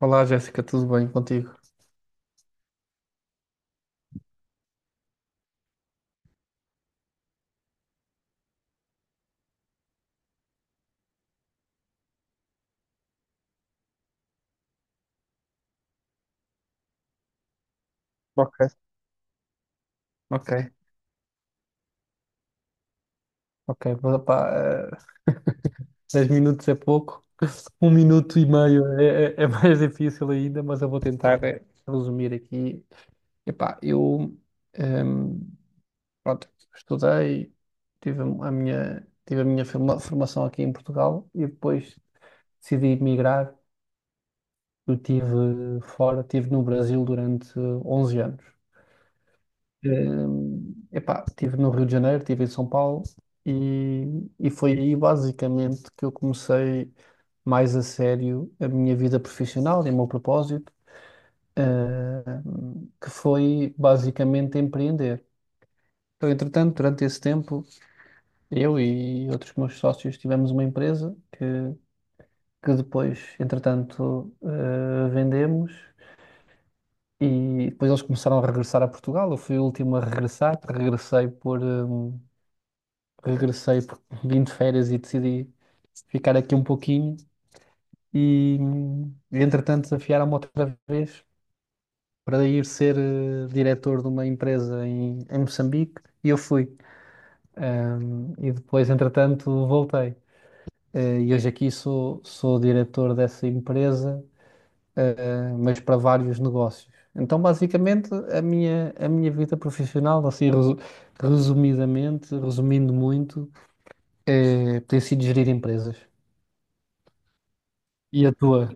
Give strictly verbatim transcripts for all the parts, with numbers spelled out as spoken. Olá, Jéssica, tudo bem contigo? Ok, ok. Ok, pá, pá, eh, dez minutos é pouco, um minuto e meio é, é- é mais difícil ainda, mas eu vou tentar eh, resumir aqui. Epá, eu ehm, pronto, estudei, tive a minha, tive a minha forma- formação aqui em Portugal e depois decidi emigrar. Eu estive fora, estive no Brasil durante onze anos. Eh, epá, estive no Rio de Janeiro, estive em São Paulo e, e foi aí basicamente que eu comecei mais a sério a minha vida profissional e o meu propósito, eh, que foi basicamente empreender. Então, entretanto, durante esse tempo, eu e outros meus sócios tivemos uma empresa que, que depois, entretanto, eh, vendemos e depois eles começaram a regressar a Portugal. Eu fui o último a regressar, regressei por. hum, regressei porque vim de férias e decidi ficar aqui um pouquinho e, entretanto, desafiaram-me outra vez para ir ser eh, diretor de uma empresa em, em Moçambique e eu fui. Ahm, e depois, entretanto, voltei. Eh, e hoje aqui sou, sou diretor dessa empresa, eh, mas para vários negócios. Então, basicamente, a minha, a minha vida profissional, assim, resu- resumidamente, resumindo muito, eh, tem sido gerir empresas. E a tua?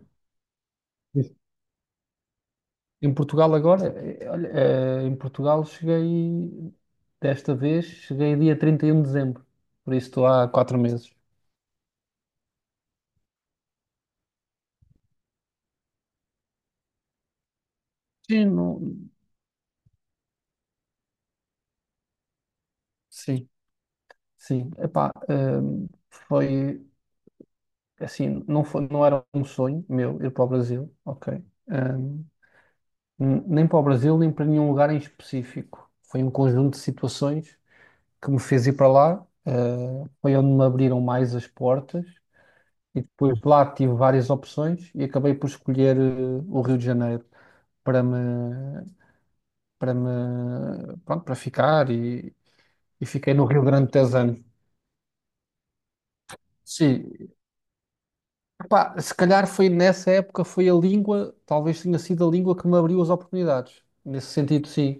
Em Portugal agora, eh, olha, eh, em Portugal cheguei, desta vez, cheguei dia trinta e um de dezembro, por isso estou há quatro meses. Sim, não- sim, sim. Epá, ehm, foi, assim, não foi, não era um sonho meu ir para o Brasil, ok? Ehm, n- Nem para o Brasil, nem para nenhum lugar em específico. Foi um conjunto de situações que me fez ir para lá, eh, foi onde me abriram mais as portas e depois lá tive várias opções e acabei por escolher eh, o Rio de Janeiro para me, para me, pronto, para ficar e, e fiquei no Rio Grande de anos. Sim. Epá, se calhar foi nessa época, foi a língua, talvez tenha sido a língua que me abriu as oportunidades. Nesse sentido, sim.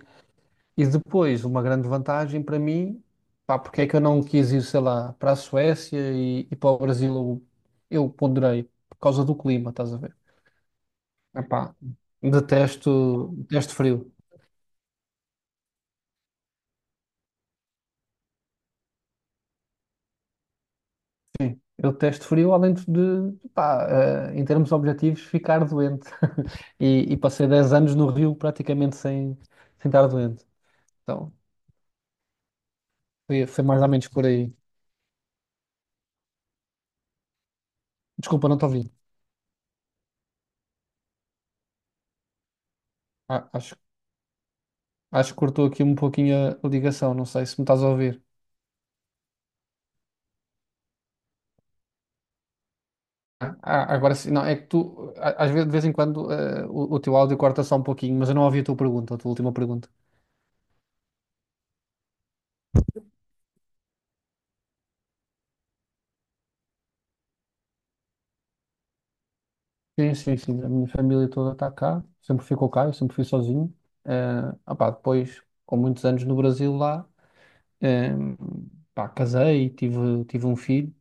E depois, uma grande vantagem para mim, pá, porque é que eu não quis ir, sei lá, para a Suécia e, e para o Brasil, eu, eu ponderei, por causa do clima, estás a ver? Epá, detesto, detesto frio. Sim, eu detesto frio, além de, de, pá, eh, em termos objetivos, ficar doente. E, e passei dez anos no Rio praticamente sem, sem estar doente. Então, foi, foi mais ou menos por aí. Desculpa, não te ouvi. A- acho, acho que cortou aqui um pouquinho a a ligação, não sei se me estás a ouvir. Ah, ah, agora sim, não, é que tu, a- às vezes, de vez em quando, eh, o, o teu áudio corta só um pouquinho, mas eu não ouvi a tua pergunta, a tua última pergunta. Sim, sim, sim. A minha família toda está cá. Sempre ficou cá, eu sempre fui sozinho. Eh, ah pá, Depois, com muitos anos no Brasil lá, eh, pá, casei e tive, tive um filho.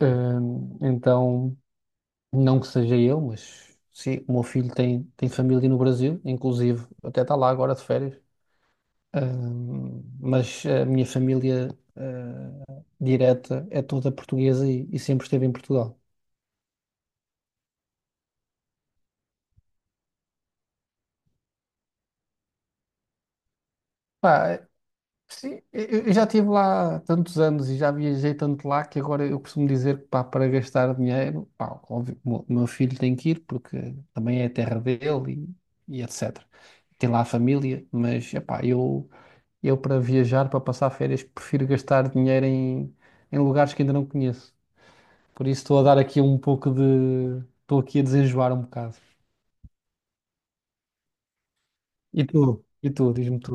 Eh, então, não que seja eu, mas sim, o meu filho tem, tem família no Brasil, inclusive até está lá agora de férias. Eh, mas a minha família, eh, direta é toda portuguesa e, e sempre esteve em Portugal. Pá, sim, eu eu já estive lá tantos anos e já viajei tanto lá que agora eu costumo dizer que pá, para gastar dinheiro, pá, óbvio, o meu meu filho tem que ir porque também é a terra dele e, e etecetera. Tem lá a família, mas epá, eu, eu para viajar, para passar férias, prefiro gastar dinheiro em, em lugares que ainda não conheço. Por isso estou a dar aqui um pouco de. Estou aqui a desenjoar um bocado. E tu? E tu? Diz-me tu.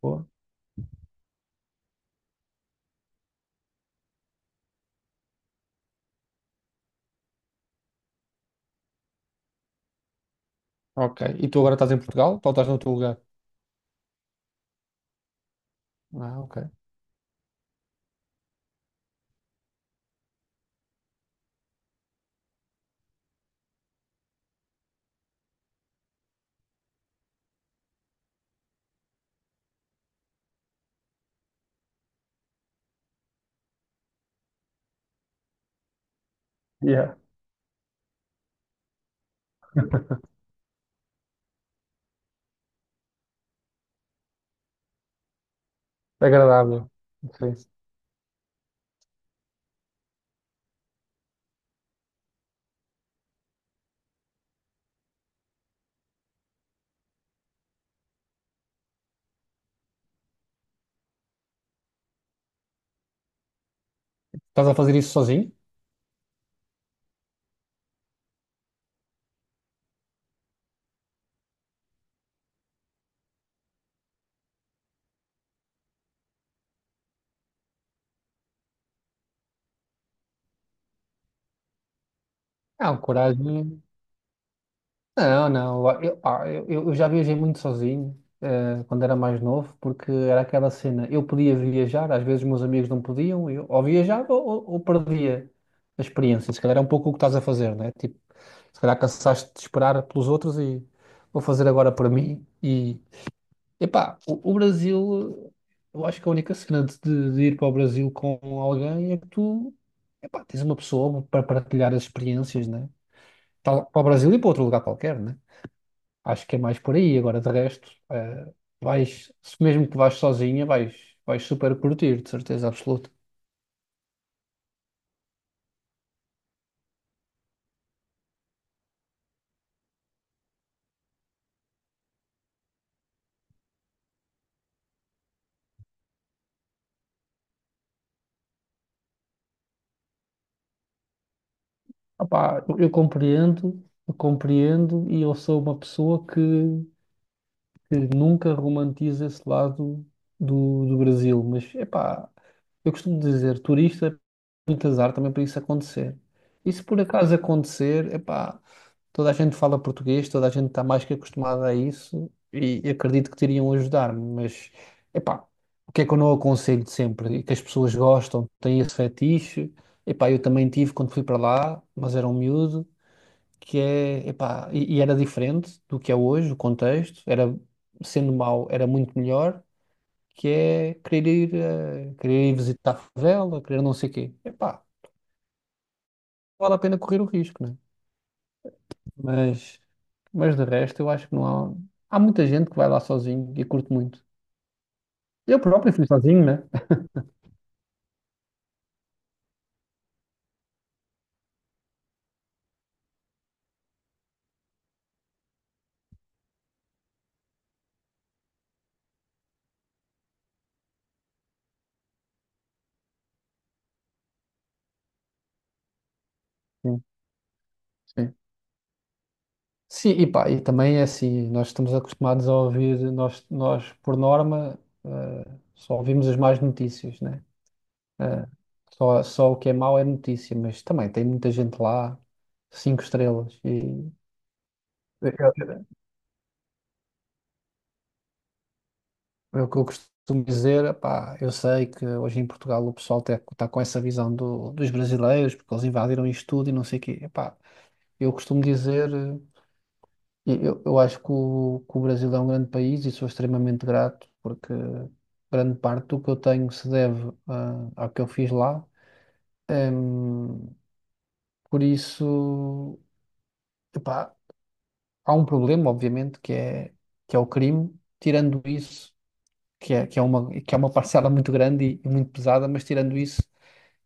Boa. Ok. E tu agora estás em Portugal? Ou estás no teu lugar? Ah, ok. Agradável. Sim. Estás a fazer isso sozinho? Não, coragem. Não, não. Eu, pá, eu, eu já viajei muito sozinho, eh, quando era mais novo, porque era aquela cena. Eu podia viajar, às vezes meus amigos não podiam, eu ou viajava ou, ou- ou perdia a experiência. Se calhar é um pouco o que estás a fazer, né? Tipo, se calhar cansaste de esperar pelos outros e vou fazer agora para mim e, epá, o, o Brasil, eu acho que a única cena de, de- de ir para o Brasil com alguém é que tu, epá, tens uma pessoa para partilhar as experiências, né? Tal- Para o Brasil e para outro lugar qualquer, né? Acho que é mais por aí. Agora, de resto, eh, vais, se mesmo que vais sozinha, vais, vais super curtir, de certeza absoluta. Opá, eu, eu compreendo, eu compreendo e eu sou uma pessoa que, que nunca romantiza esse lado do, do Brasil, mas, epá... Eu costumo dizer, turista muito azar também para isso acontecer. E se por acaso acontecer, epá, toda a gente fala português, toda a gente está mais que acostumada a isso e acredito que teriam ajudar-me, mas epá, o que é que eu não aconselho sempre? E que as pessoas gostam, têm esse fetiche. Epá, eu também tive quando fui para lá, mas era um miúdo, que é, epá, e, e era diferente do que é hoje, o contexto, era sendo mau, era muito melhor, que é querer ir, eh, querer ir visitar a favela, querer não sei o quê. Epá, vale a pena correr o risco, né? Mas, mas de resto, eu acho que não há. Há muita gente que vai lá sozinho e curte muito. Eu próprio fui sozinho, né? Sim, sim. Sim, e pá, e também é assim, nós estamos acostumados a ouvir, nós, nós por norma, eh, só ouvimos as más notícias, né? Eh, só, só o que é mau é notícia, mas também tem muita gente lá, cinco estrelas, e eu, é o que eu costumo dizer, pá eu sei que hoje em Portugal o pessoal está com essa visão do- dos brasileiros, porque eles invadiram isto tudo e não sei o quê. Epá, eu costumo dizer, eh, eu, eu acho que o, que o Brasil é um grande país e sou extremamente grato, porque grande parte do que eu tenho se deve ah, ao que eu fiz lá. Em, por isso, epá, há um problema, obviamente, que é, que é o crime. Tirando isso. Que é, que é uma, que é uma parcela muito grande e, e muito pesada, mas tirando isso,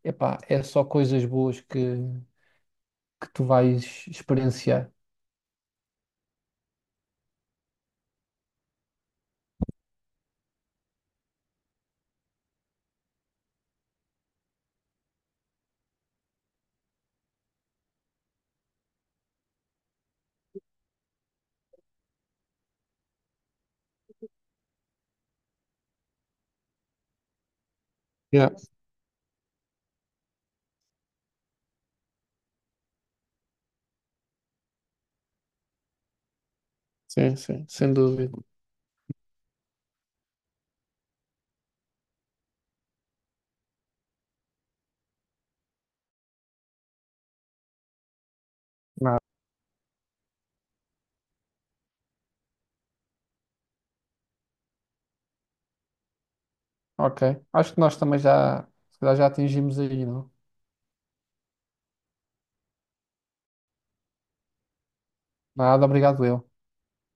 epá, é só coisas boas que, que tu vais experienciar. Yeah, sim, sim, sem dúvida. Nada. Ok, acho que nós também já, se calhar já atingimos aí, não? Nada, obrigado eu.